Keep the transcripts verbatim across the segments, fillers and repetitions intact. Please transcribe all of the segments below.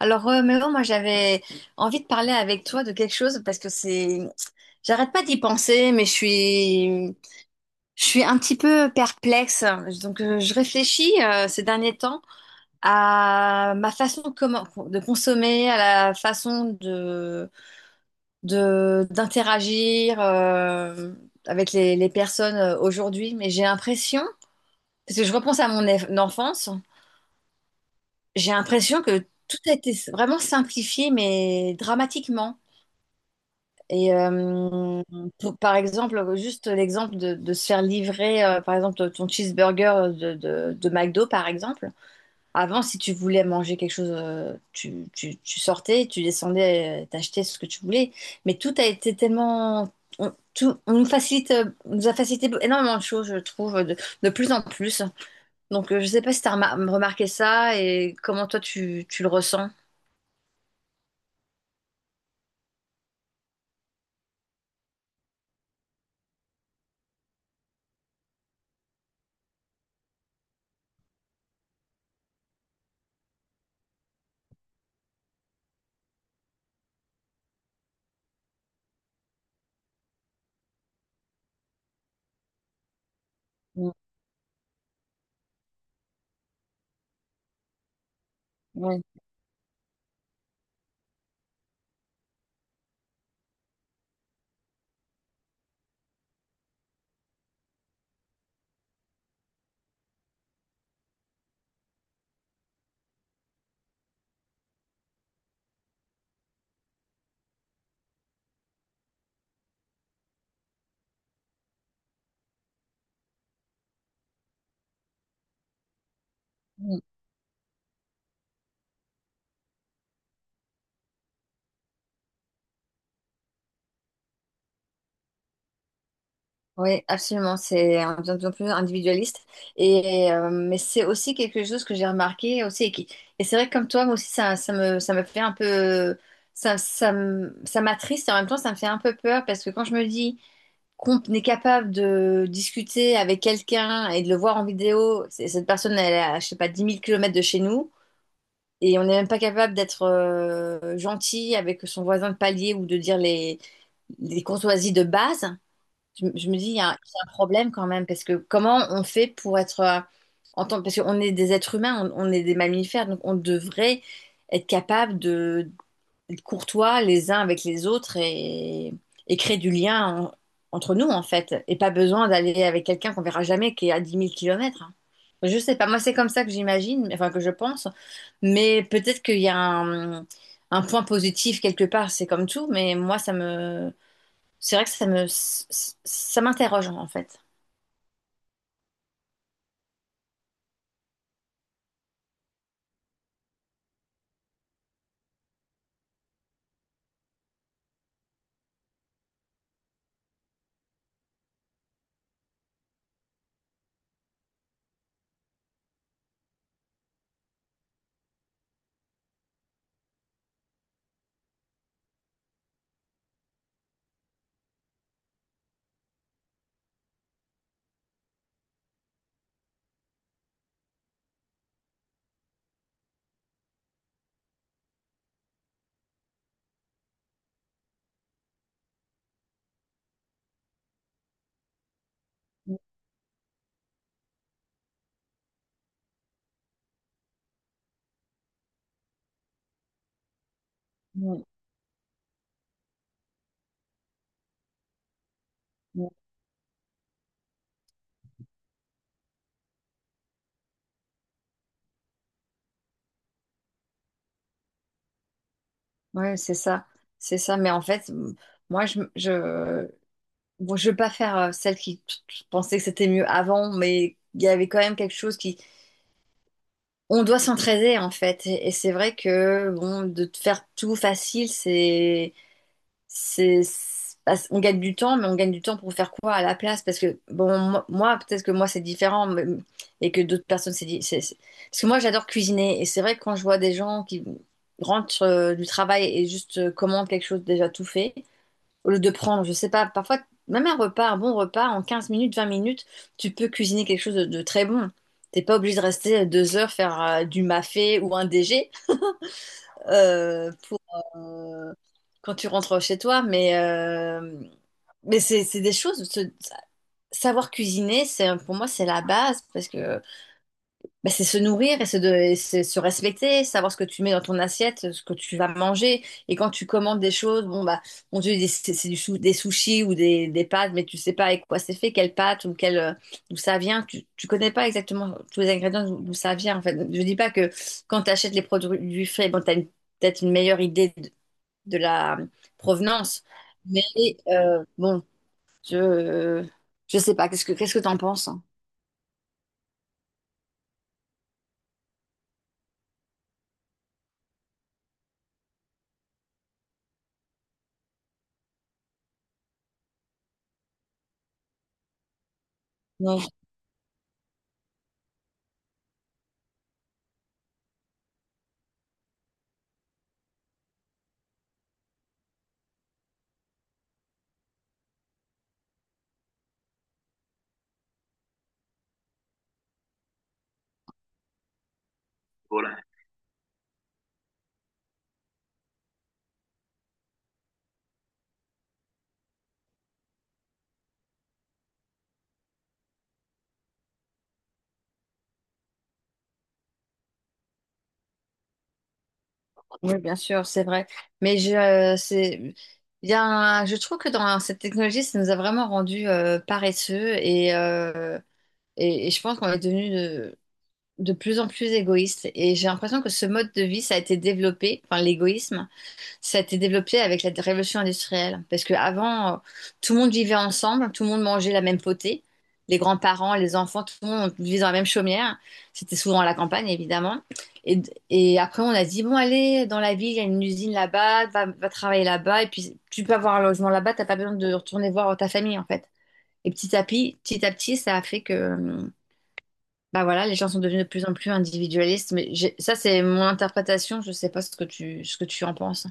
Alors, euh, Mélo, moi, j'avais envie de parler avec toi de quelque chose parce que c'est, j'arrête pas d'y penser, mais je suis, je suis un petit peu perplexe. Donc, euh, je réfléchis euh, ces derniers temps à ma façon de, comment- de consommer, à la façon de, de, d'interagir euh, avec les, les personnes euh, aujourd'hui. Mais j'ai l'impression, parce que je repense à mon eff- enfance, j'ai l'impression que tout a été vraiment simplifié, mais dramatiquement. Et euh, pour- par exemple, juste l'exemple de, de se faire livrer, euh, par exemple, ton cheeseburger de, de, de McDo, par exemple. Avant, si tu voulais manger quelque chose, euh, tu, tu, tu sortais, tu descendais, euh, t'achetais ce que tu voulais. Mais tout a été tellement. On, tout, on nous facilite, euh, nous a facilité énormément de choses, je trouve, de, de plus en plus. Donc, euh, je sais pas si tu as remarqué ça et comment toi, tu, tu le ressens. Mm. Ouais. Oui, absolument. C'est un- de plus en plus individualiste. Et, euh, mais c'est aussi quelque chose que j'ai remarqué aussi. Et, qui- et c'est vrai que comme toi, moi aussi, ça, ça me, ça me fait un peu. Ça, ça, me- ça m'attriste et en même temps, ça me fait un peu peur parce que quand je me dis qu'on est capable de discuter avec quelqu'un et de le voir en vidéo, c'est- cette personne, elle est à, je sais pas, dix mille kilomètres de chez nous et on n'est même pas capable d'être euh, gentil avec son voisin de palier ou de dire les, les courtoisies de base. Je, je me dis, il y a, un il y a un problème quand même, parce que comment on fait pour être, euh, en tant, parce qu'on est des êtres humains, on, on est des mammifères, donc on devrait être capable de d'être courtois les uns avec les autres et, et créer du lien en- entre nous, en fait. Et pas besoin d'aller avec quelqu'un qu'on verra jamais, qui est à dix mille kilomètres, hein. Je sais pas, moi c'est comme ça que j'imagine, enfin que je pense, mais peut-être qu'il y a un, un point positif quelque part, c'est comme tout, mais moi ça me. C'est vrai que ça me, ça m'interroge en fait. Mm, mm, mm. Ouais, c'est ça, c'est ça. Mais en fait, m- moi, je, je, bon, je veux pas faire euh, celle qui t- t- pensait que c'était mieux avant, mais il y avait quand même quelque chose qui, on doit s'entraider en fait. Et, et c'est vrai que bon, de te faire tout facile, c'est c'est bah, c'est- on gagne du temps mais on gagne du temps pour faire quoi à la place parce que bon moi moi, peut-être que moi c'est différent mais- et que d'autres personnes c'est di- c'est- c'est- parce que moi j'adore cuisiner et c'est vrai que quand je vois des gens qui rentrent euh, du travail et juste euh, commandent quelque chose déjà tout fait au lieu de prendre je sais pas parfois même un repas un bon repas en quinze minutes, vingt minutes, tu peux cuisiner quelque chose de, de très bon, t'es pas obligé de rester euh, deux heures faire euh, du mafé ou un D G euh, pour euh, quand tu rentres chez toi. Mais, euh, mais c'est c'est des choses. Se- savoir cuisiner, c'est pour moi, c'est la base parce que bah, c'est se nourrir et se, de- et c'est se respecter, savoir ce que tu mets dans ton assiette, ce que tu vas manger. Et quand tu commandes des choses, bon bah, on te dit c'est c'est du sou- des sushis ou des, des pâtes, mais tu sais pas avec quoi c'est fait, quelle pâte ou quelle euh, d'où ça vient. Tu, tu connais pas exactement tous les ingrédients d'où d'où ça vient. En fait, je dis pas que quand tu achètes les produits frais, bon, tu as peut-être une meilleure idée de la provenance. Mais euh, bon, je je sais pas. Qu'est-ce que qu'est-ce que t'en penses, hein? Non. Voilà. Oui, bien sûr, c'est vrai. Mais je euh, c'est il y a un- je trouve que dans cette technologie, ça nous a vraiment rendus euh, paresseux et, euh, et et je pense qu'on est devenu de de plus en plus égoïste. Et j'ai l'impression que ce mode de vie, ça a été développé, enfin l'égoïsme. Ça a été développé avec la révolution industrielle. Parce qu'avant, tout le monde vivait ensemble, tout le monde mangeait la même potée. Les grands-parents, les enfants, tout le monde vivait dans la même chaumière. C'était souvent à la campagne, évidemment. Et, et après, on a dit, bon, allez, dans la ville, il y a une usine là-bas, va, va travailler là-bas. Et puis, tu peux avoir un logement là-bas, t'as pas besoin de retourner voir ta famille, en fait. Et petit à petit, petit à petit, ça a fait que, bah voilà, les gens sont devenus de plus en plus individualistes. Mais j'ai- ça, c'est mon interprétation. Je sais pas ce que tu, ce que tu en penses.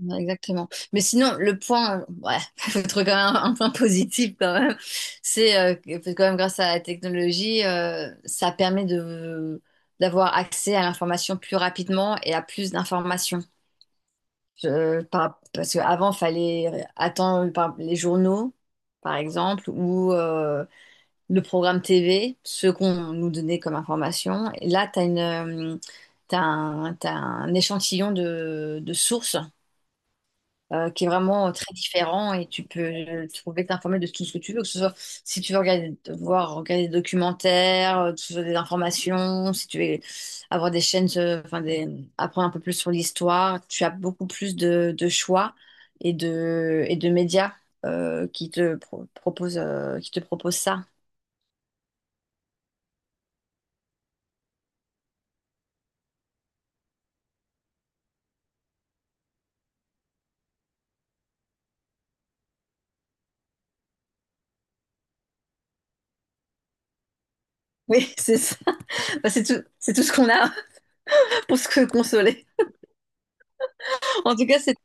Ouais, Exactement. Mais sinon, le point, euh, ouais, faut trouver quand même un, un point positif quand même, c'est euh, que quand même grâce à la technologie, euh, ça permet de d'avoir accès à l'information plus rapidement et à plus d'informations. Je- par- parce qu'avant, il fallait attendre par- les journaux, par exemple, ou euh, le programme T V, ce qu'on nous donnait comme information. Et là, tu as une, euh, t'as un, t'as un échantillon de, de sources euh, qui est vraiment euh, très différent et tu peux euh, trouver t'informer de tout ce que tu veux, que ce soit si tu veux regarder, voir, regarder des documentaires, euh, que ce soit des informations, si tu veux avoir des chaînes, euh, enfin des, apprendre un peu plus sur l'histoire, tu as beaucoup plus de, de choix et de, et de médias euh, qui te pro- proposent, euh, qui te proposent ça. Oui, c'est ça. Bah, c'est tout, c'est tout ce qu'on a. Pour se consoler. En tout cas, c'est.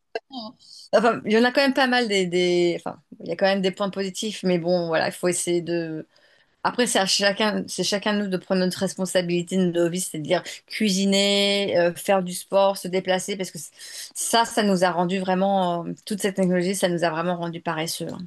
Enfin, il y en a quand même pas mal des, des- Enfin, il y a quand même des points positifs, mais bon, voilà, il faut essayer de. Après, c'est à chacun, c'est chacun de nous de prendre notre responsabilité de nos vies, c'est-à-dire cuisiner, euh, faire du sport, se déplacer, parce que c- ça, ça nous a rendu vraiment, euh, toute cette technologie, ça nous a vraiment rendu paresseux, hein.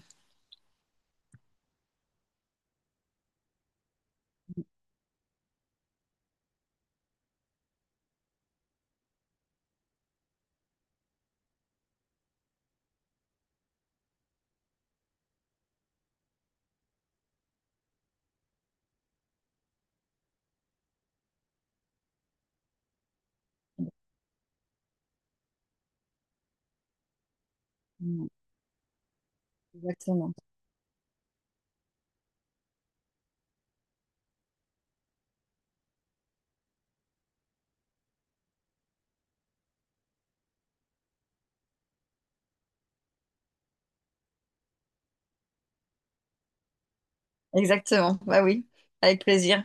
Mm. Exactement. Exactement, bah oui, avec plaisir.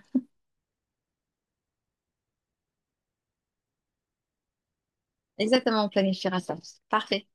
Exactement, on planifiera ça. Parfait.